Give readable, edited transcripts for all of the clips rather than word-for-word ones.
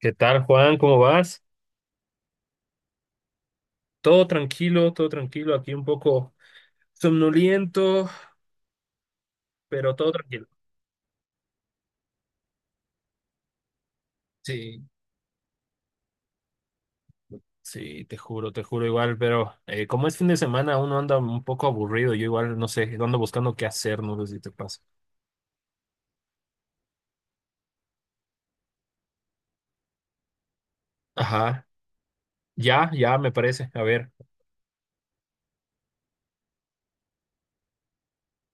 ¿Qué tal, Juan? ¿Cómo vas? Todo tranquilo, todo tranquilo. Aquí un poco somnoliento, pero todo tranquilo. Sí, sí, te juro igual, pero como es fin de semana, uno anda un poco aburrido. Yo igual, no sé, ando buscando qué hacer, no sé si te pasa. Ajá, ya, ya, me parece. A ver,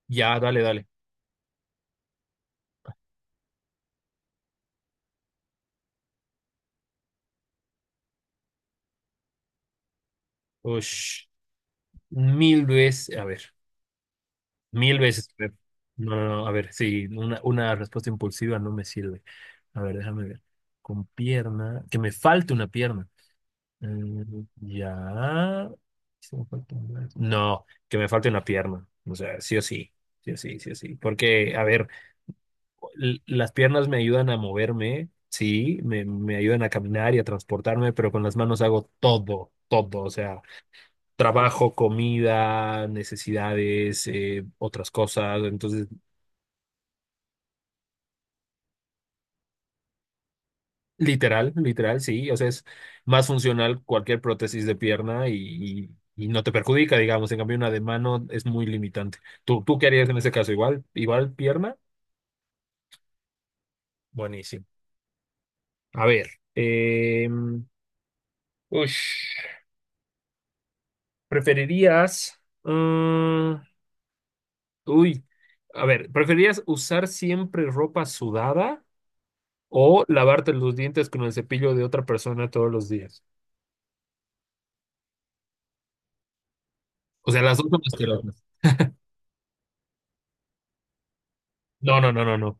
ya, dale, dale. Ush, mil veces, a ver, mil veces. A ver. No, no, no, a ver, sí, una respuesta impulsiva no me sirve. A ver, déjame ver. Con pierna, que me falte una pierna. Mm, ya. Sí, me falta un brazo. No, que me falte una pierna. O sea, sí o sí. Sí o sí, sí o sí. Porque, a ver, las piernas me ayudan a moverme, sí, me ayudan a caminar y a transportarme, pero con las manos hago todo, todo. O sea, trabajo, comida, necesidades, otras cosas. Entonces, literal, literal, sí. O sea, es más funcional cualquier prótesis de pierna y- y no te perjudica, digamos. En cambio, una de mano es muy limitante. ¿Tú qué harías en ese caso? ¿Igual, igual pierna? Buenísimo. A ver. eh, ush, ¿Preferirías... uy. A ver, ¿preferirías usar siempre ropa sudada o lavarte los dientes con el cepillo de otra persona todos los días? O sea, las dos son asquerosas. No, no, no, no, no.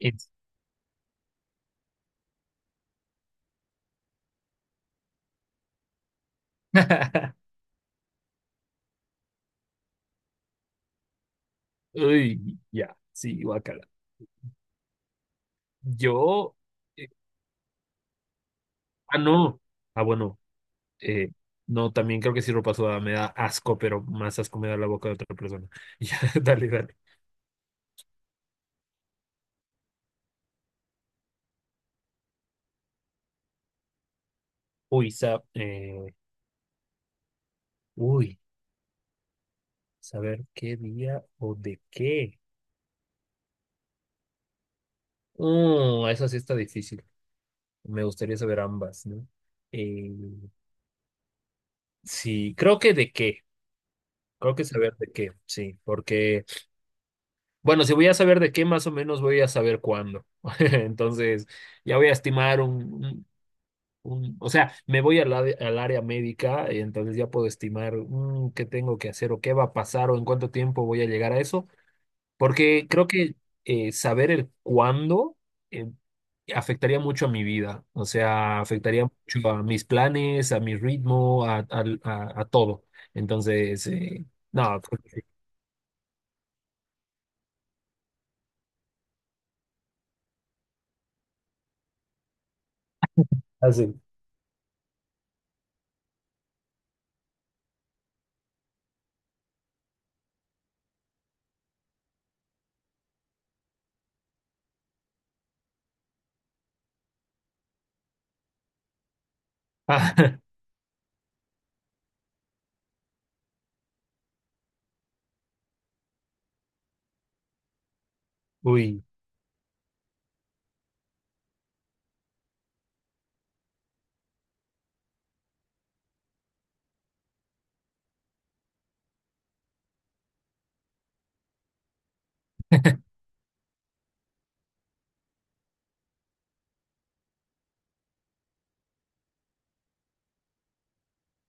It's- Uy, ya, sí, guacala. Yo, eh, ah, no. Ah, bueno, eh, no, también creo que sí ropa sudada me da asco, pero más asco me da la boca de otra persona. Ya, dale, dale. Uy, uy, saber qué día o de qué. Eso sí está difícil. Me gustaría saber ambas, ¿no? Eh, sí, creo que de qué. Creo que saber de qué, sí, porque bueno, si voy a saber de qué, más o menos voy a saber cuándo. Entonces, ya voy a estimar o sea, me voy al área médica y entonces ya puedo estimar qué tengo que hacer o qué va a pasar o en cuánto tiempo voy a llegar a eso, porque creo que saber el cuándo eh, afectaría mucho a mi vida, o sea, afectaría mucho a mis planes, a mi ritmo, a todo. Entonces, no, así, ah, sí. Ah, uy.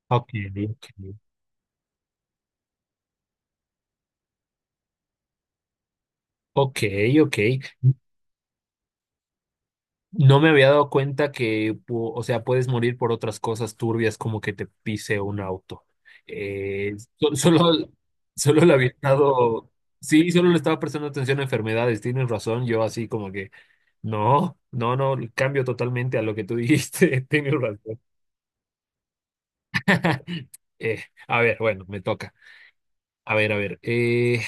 Ok, ok, ok. Ok. No me había dado cuenta que, o sea, puedes morir por otras cosas turbias como que te pise un auto. Solo, solo le había estado, sí, solo le estaba prestando atención a enfermedades. Tienes razón, yo así como que, no, no, no, cambio totalmente a lo que tú dijiste. Tienes razón. Eh, a ver, bueno, me toca. A ver, a ver. eh,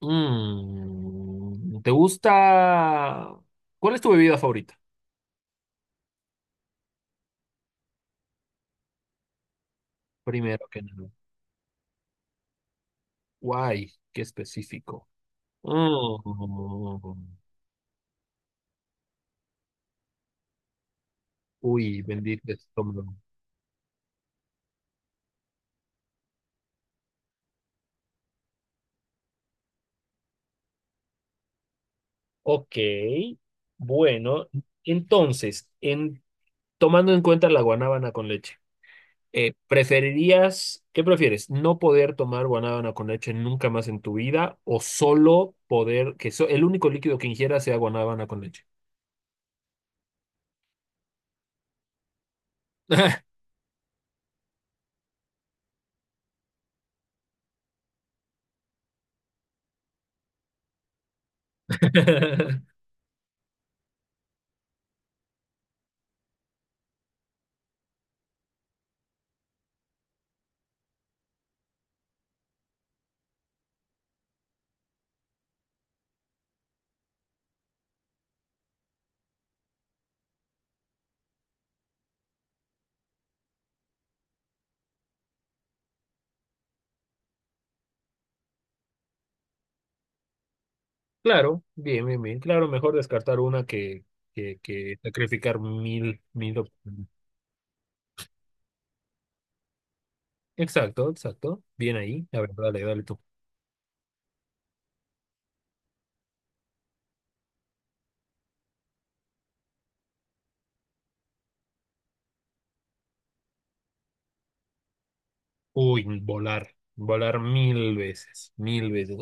mm, ¿Te gusta? ¿Cuál es tu bebida favorita? Primero que nada. Guay, qué específico. Mm. Uy, bendito estómago. Ok, bueno, entonces, tomando en cuenta la guanábana con leche, ¿preferirías, qué prefieres, no poder tomar guanábana con leche nunca más en tu vida o solo poder, que el único líquido que ingieras sea guanábana con leche? Claro, bien, bien, bien. Claro, mejor descartar una que sacrificar mil, mil opciones. Exacto, exacto. Bien ahí. A ver, dale, dale tú. Uy, volar. Volar mil veces, mil veces.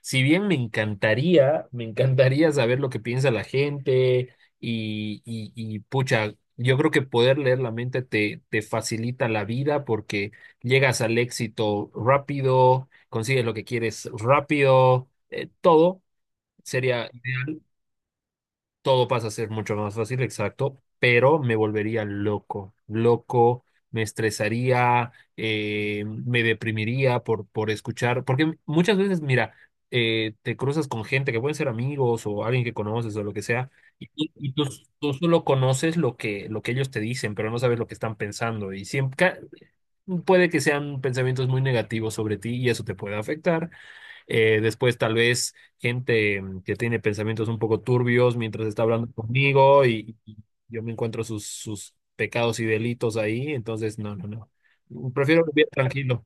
Si bien me encantaría saber lo que piensa la gente y pucha, yo creo que poder leer la mente te facilita la vida porque llegas al éxito rápido, consigues lo que quieres rápido, todo sería ideal. Todo pasa a ser mucho más fácil, exacto, pero me volvería loco, loco, me estresaría, me deprimiría por escuchar, porque muchas veces, mira, te cruzas con gente que pueden ser amigos o alguien que conoces o lo que sea, y tú solo conoces lo que ellos te dicen, pero no sabes lo que están pensando, y puede que sean pensamientos muy negativos sobre ti y eso te puede afectar. Después tal vez gente que tiene pensamientos un poco turbios mientras está hablando conmigo yo me encuentro sus, sus pecados y delitos ahí, entonces no, no, no. Prefiero vivir tranquilo.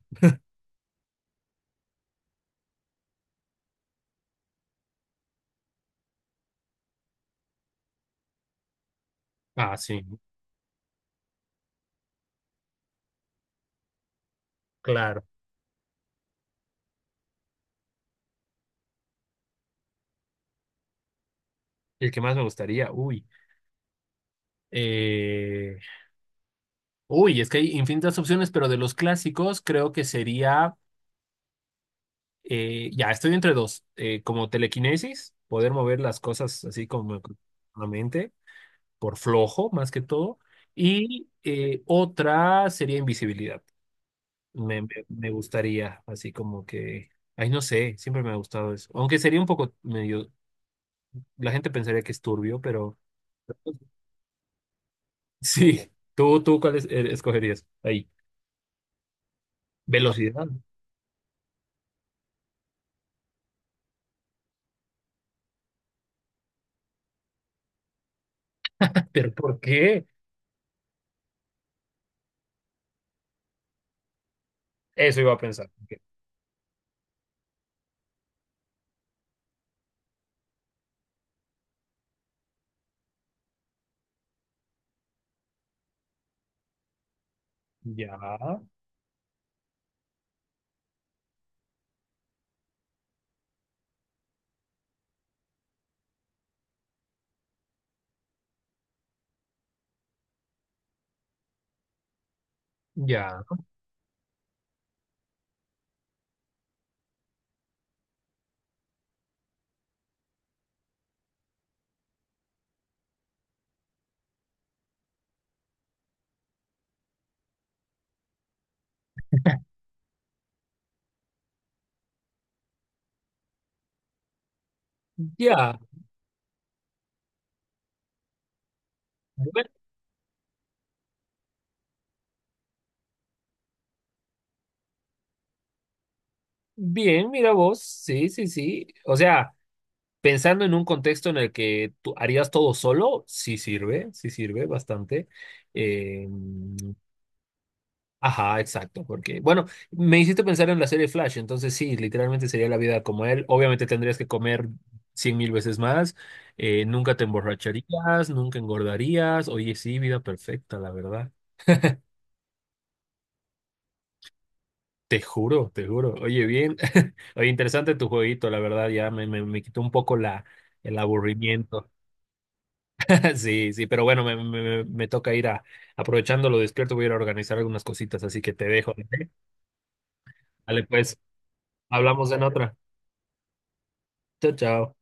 Ah, sí, claro. El que más me gustaría, uy. Eh, uy, es que hay infinitas opciones, pero de los clásicos creo que sería, ya, estoy entre dos, como telequinesis, poder mover las cosas así como con la mente por flojo más que todo. Y otra sería invisibilidad. Me gustaría, así como que, ay, no sé, siempre me ha gustado eso. Aunque sería un poco medio, la gente pensaría que es turbio, pero sí, ¿cuál escogerías? Ahí, velocidad. ¿Pero por qué? Eso iba a pensar. Ok, ya, ya, ya. Bueno, bien, mira vos, sí, sí, sí. O sea. Pensando en un contexto en el que tú harías todo solo, sí sirve bastante. Eh, ajá, exacto, porque, bueno, me hiciste pensar en la serie Flash, entonces sí, literalmente sería la vida como él. Obviamente tendrías que comer cien mil veces más, nunca te emborracharías, nunca engordarías. Oye, sí, vida perfecta, la verdad. Te juro, te juro. Oye, bien, oye, interesante tu jueguito, la verdad, ya me quitó un poco la, el aburrimiento. Sí, sí, pero bueno, me toca ir a, aprovechando lo despierto, voy a ir a organizar algunas cositas, así que te dejo, ¿vale? Vale, pues, hablamos en otra. Chao, chao.